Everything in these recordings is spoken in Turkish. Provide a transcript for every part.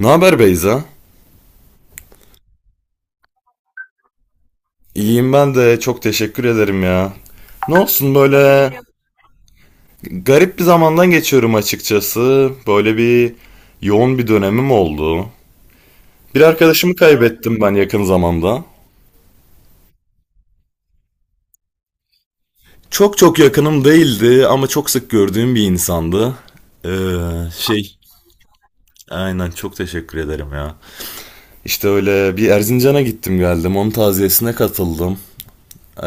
Ne haber Beyza? İyiyim ben de çok teşekkür ederim ya. Ne olsun böyle garip bir zamandan geçiyorum açıkçası. Böyle bir yoğun bir dönemim oldu. Bir arkadaşımı kaybettim ben yakın zamanda. Çok çok yakınım değildi ama çok sık gördüğüm bir insandı. Ee, şey aynen çok teşekkür ederim ya. İşte öyle bir Erzincan'a gittim geldim onun taziyesine katıldım. Ee,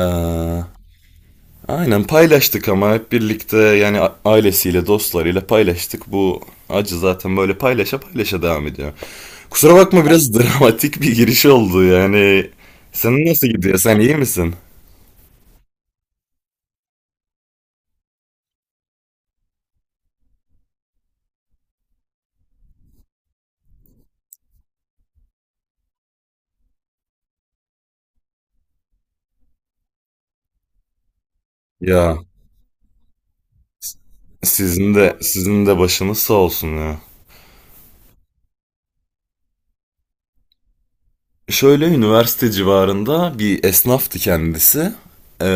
Aynen paylaştık ama hep birlikte yani ailesiyle, dostlarıyla paylaştık. Bu acı zaten böyle paylaşa paylaşa devam ediyor. Kusura bakma biraz dramatik bir giriş oldu yani. Senin nasıl gidiyor? Sen iyi misin? Ya sizin de sizin de başınız sağ olsun ya. Şöyle üniversite civarında bir esnaftı kendisi. Ee,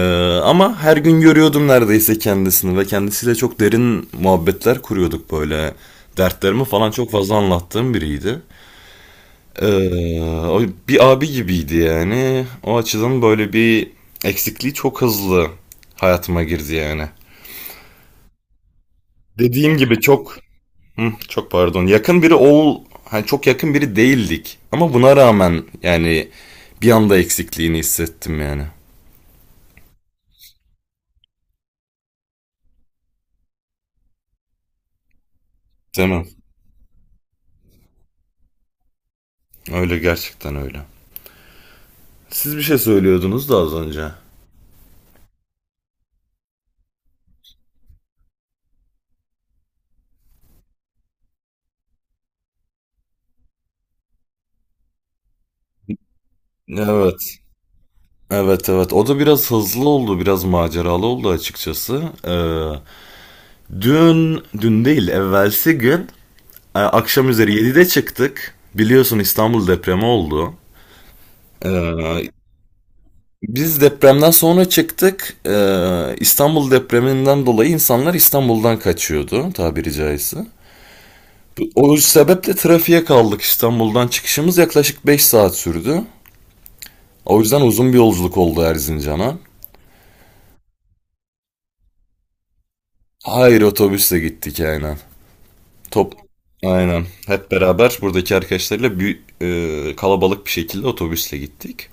Ama her gün görüyordum neredeyse kendisini ve kendisiyle çok derin muhabbetler kuruyorduk böyle. Dertlerimi falan çok fazla anlattığım biriydi. O bir abi gibiydi yani. O açıdan böyle bir eksikliği çok hızlı hayatıma girdi yani. Dediğim gibi çok. Hı, çok pardon. Yakın biri hani çok yakın biri değildik. Ama buna rağmen yani bir anda eksikliğini hissettim yani. Tamam. Öyle gerçekten öyle. Siz bir şey söylüyordunuz da az önce. Evet. Evet evet o da biraz hızlı oldu biraz maceralı oldu açıkçası. Dün dün değil evvelsi gün. Akşam üzeri 7'de çıktık. Biliyorsun İstanbul depremi oldu. Ee, biz depremden sonra çıktık. İstanbul depreminden dolayı insanlar İstanbul'dan kaçıyordu tabiri caizse. O sebeple trafiğe kaldık. İstanbul'dan çıkışımız yaklaşık 5 saat sürdü. O yüzden uzun bir yolculuk oldu Erzincan'a. Hayır otobüsle gittik aynen. Top aynen. Hep beraber buradaki arkadaşlarıyla kalabalık bir şekilde otobüsle gittik.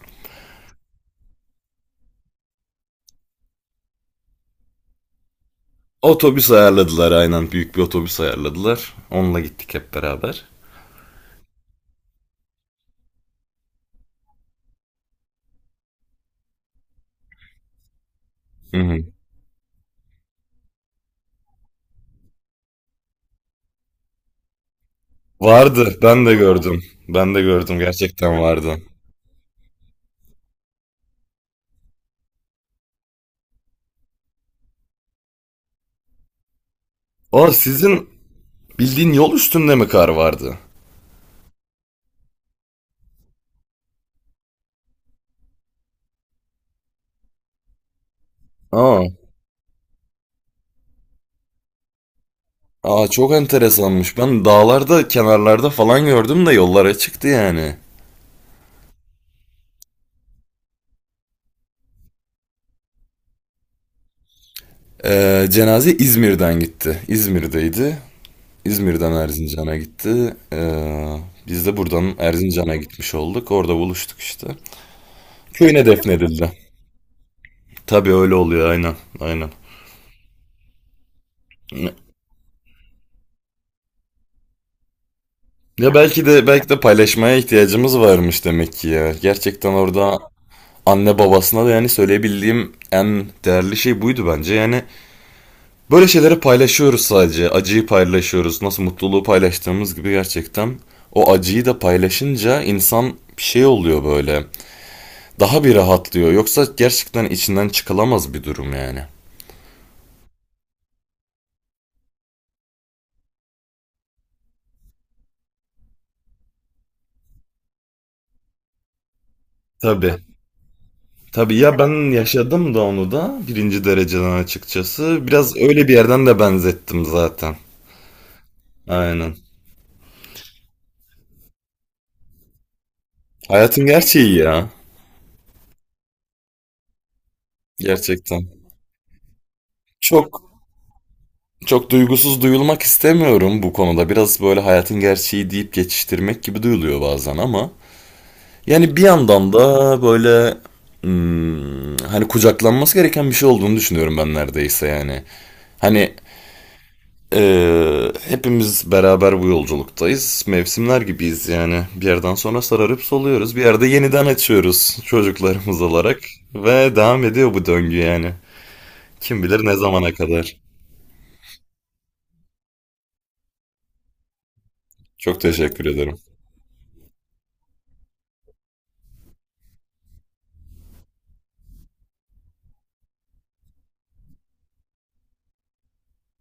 Otobüs ayarladılar aynen. Büyük bir otobüs ayarladılar. Onunla gittik hep beraber. Hı hı. Vardı. Ben de gördüm. Ben de gördüm. Gerçekten vardı. O sizin bildiğin yol üstünde mi kar vardı? Aa. Aa çok enteresanmış. Ben dağlarda, kenarlarda falan gördüm de yollara çıktı yani. Cenaze İzmir'den gitti. İzmir'deydi. İzmir'den Erzincan'a gitti. Biz de buradan Erzincan'a gitmiş olduk. Orada buluştuk işte. Köyüne defnedildi. Tabii öyle oluyor aynen. Aynen. Ya belki de belki de paylaşmaya ihtiyacımız varmış demek ki ya. Gerçekten orada anne babasına da yani söyleyebildiğim en değerli şey buydu bence. Yani böyle şeyleri paylaşıyoruz sadece. Acıyı paylaşıyoruz. Nasıl mutluluğu paylaştığımız gibi gerçekten o acıyı da paylaşınca insan bir şey oluyor böyle. Daha bir rahatlıyor. Yoksa gerçekten içinden çıkılamaz bir durum yani. Tabii. Tabii ya ben yaşadım da onu da birinci dereceden açıkçası. Biraz öyle bir yerden de benzettim zaten. Aynen. Hayatın gerçeği ya. Gerçekten. Çok çok duygusuz duyulmak istemiyorum bu konuda. Biraz böyle hayatın gerçeği deyip geçiştirmek gibi duyuluyor bazen ama. Yani bir yandan da böyle hani kucaklanması gereken bir şey olduğunu düşünüyorum ben neredeyse yani. Hani hepimiz beraber bu yolculuktayız. Mevsimler gibiyiz yani. Bir yerden sonra sararıp soluyoruz. Bir yerde yeniden açıyoruz çocuklarımız olarak. Ve devam ediyor bu döngü yani. Kim bilir ne zamana kadar. Çok teşekkür ederim.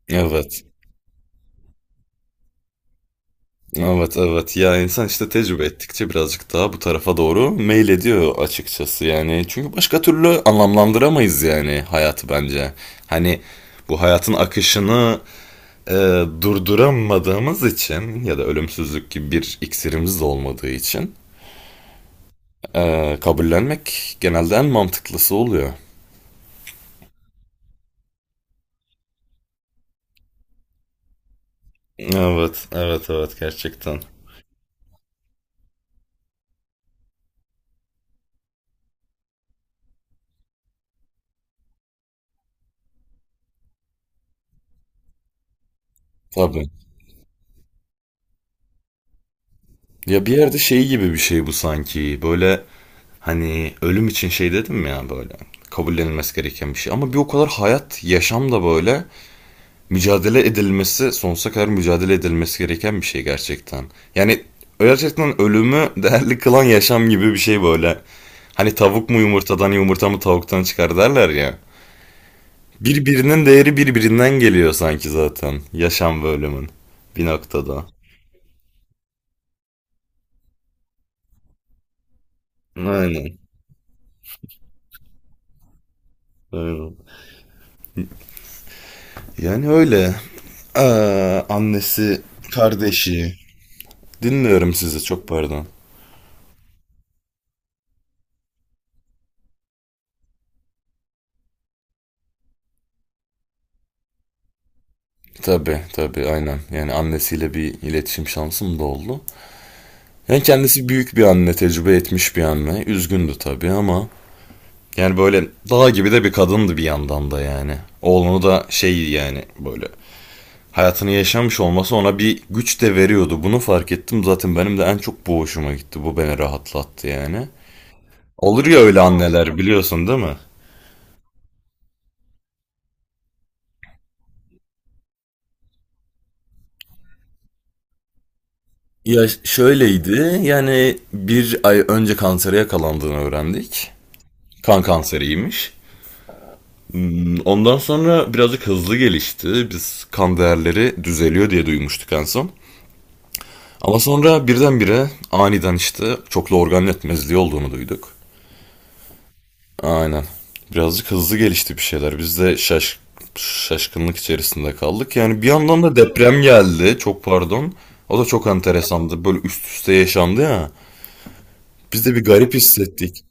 Evet. Evet evet ya insan işte tecrübe ettikçe birazcık daha bu tarafa doğru meyil ediyor açıkçası yani. Çünkü başka türlü anlamlandıramayız yani hayatı bence. Hani bu hayatın akışını e, durduramadığımız için ya da ölümsüzlük gibi bir iksirimiz de olmadığı için kabullenmek genelde en mantıklısı oluyor. Evet, evet, evet gerçekten. Tabii. Ya bir yerde şey gibi bir şey bu sanki. Böyle hani ölüm için şey dedim ya böyle. Kabullenilmesi gereken bir şey. Ama bir o kadar hayat, yaşam da böyle. Mücadele edilmesi, sonsuza kadar mücadele edilmesi gereken bir şey gerçekten. Yani gerçekten ölümü değerli kılan yaşam gibi bir şey böyle. Hani tavuk mu yumurtadan, yumurta mı tavuktan çıkar derler ya. Birbirinin değeri birbirinden geliyor sanki zaten. Yaşam ve ölümün. Bir noktada. Aynen. Aynen. Yani öyle. Ee, annesi, kardeşi. Dinliyorum sizi çok pardon. Tabii tabii aynen. Yani annesiyle bir iletişim şansım da oldu. Yani kendisi büyük bir anne, tecrübe etmiş bir anne. Üzgündü tabii ama yani böyle dağ gibi de bir kadındı bir yandan da yani. Oğlunu da şey yani böyle hayatını yaşamış olması ona bir güç de veriyordu. Bunu fark ettim zaten benim de en çok bu hoşuma gitti. Bu beni rahatlattı yani. Olur ya öyle anneler biliyorsun değil mi? Ya şöyleydi yani bir ay önce kansere yakalandığını öğrendik. Kan kanseriymiş. Ondan sonra birazcık hızlı gelişti. Biz kan değerleri düzeliyor diye duymuştuk en son. Ama sonra birdenbire aniden işte çoklu organ yetmezliği olduğunu duyduk. Aynen. Birazcık hızlı gelişti bir şeyler. Biz de şaşkınlık içerisinde kaldık. Yani bir yandan da deprem geldi. Çok pardon. O da çok enteresandı. Böyle üst üste yaşandı ya. Biz de bir garip hissettik.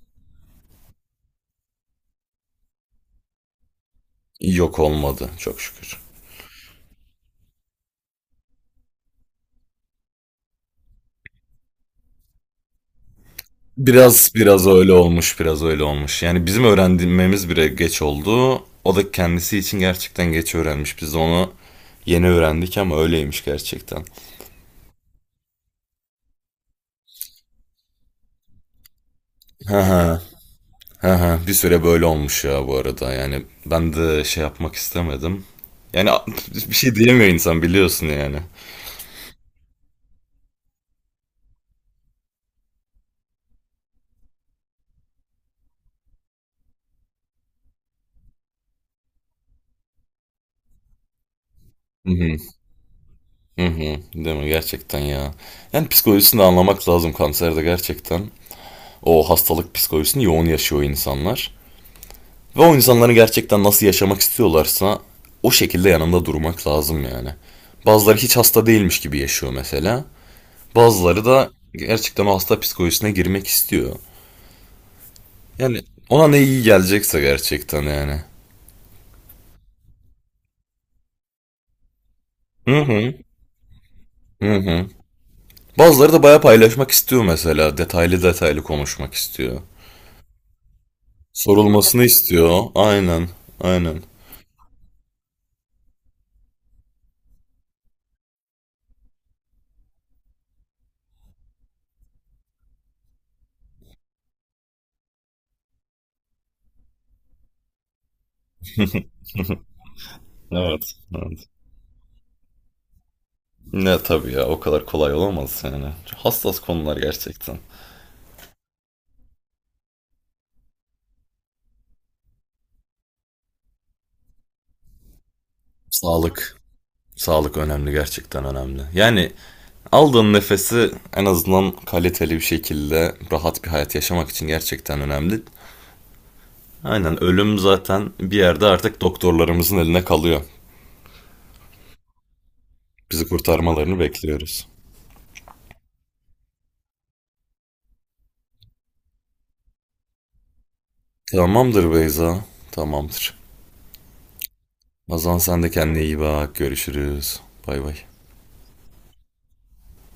Yok olmadı çok şükür. Biraz biraz öyle olmuş, biraz öyle olmuş. Yani bizim öğrenmemiz bile geç oldu. O da kendisi için gerçekten geç öğrenmiş. Biz de onu yeni öğrendik ama öyleymiş gerçekten. Ha ha ha ha. Bir süre böyle olmuş ya bu arada. Yani ben de şey yapmak istemedim. Yani bir şey diyemiyor insan biliyorsun yani. Hı hı, hı hı. Değil mi? Gerçekten ya. Yani psikolojisini de anlamak lazım kanserde gerçekten. O hastalık psikolojisini yoğun yaşıyor insanlar. Ve o insanların gerçekten nasıl yaşamak istiyorlarsa o şekilde yanında durmak lazım yani. Bazıları hiç hasta değilmiş gibi yaşıyor mesela. Bazıları da gerçekten o hasta psikolojisine girmek istiyor. Yani ona ne iyi gelecekse gerçekten yani. Hı hı. Hı hı. Bazıları da bayağı paylaşmak istiyor mesela. Detaylı detaylı konuşmak istiyor. Sorulmasını istiyor. Aynen. Aynen. Evet. Evet. Ne tabii ya o kadar kolay olamaz yani. Çok hassas konular gerçekten. Sağlık. Sağlık önemli gerçekten önemli. Yani aldığın nefesi en azından kaliteli bir şekilde rahat bir hayat yaşamak için gerçekten önemli. Aynen ölüm zaten bir yerde artık doktorlarımızın eline kalıyor. Bizi kurtarmalarını bekliyoruz. Tamamdır Beyza. Tamamdır. Azan sen de kendine iyi bak. Görüşürüz. Bay bay.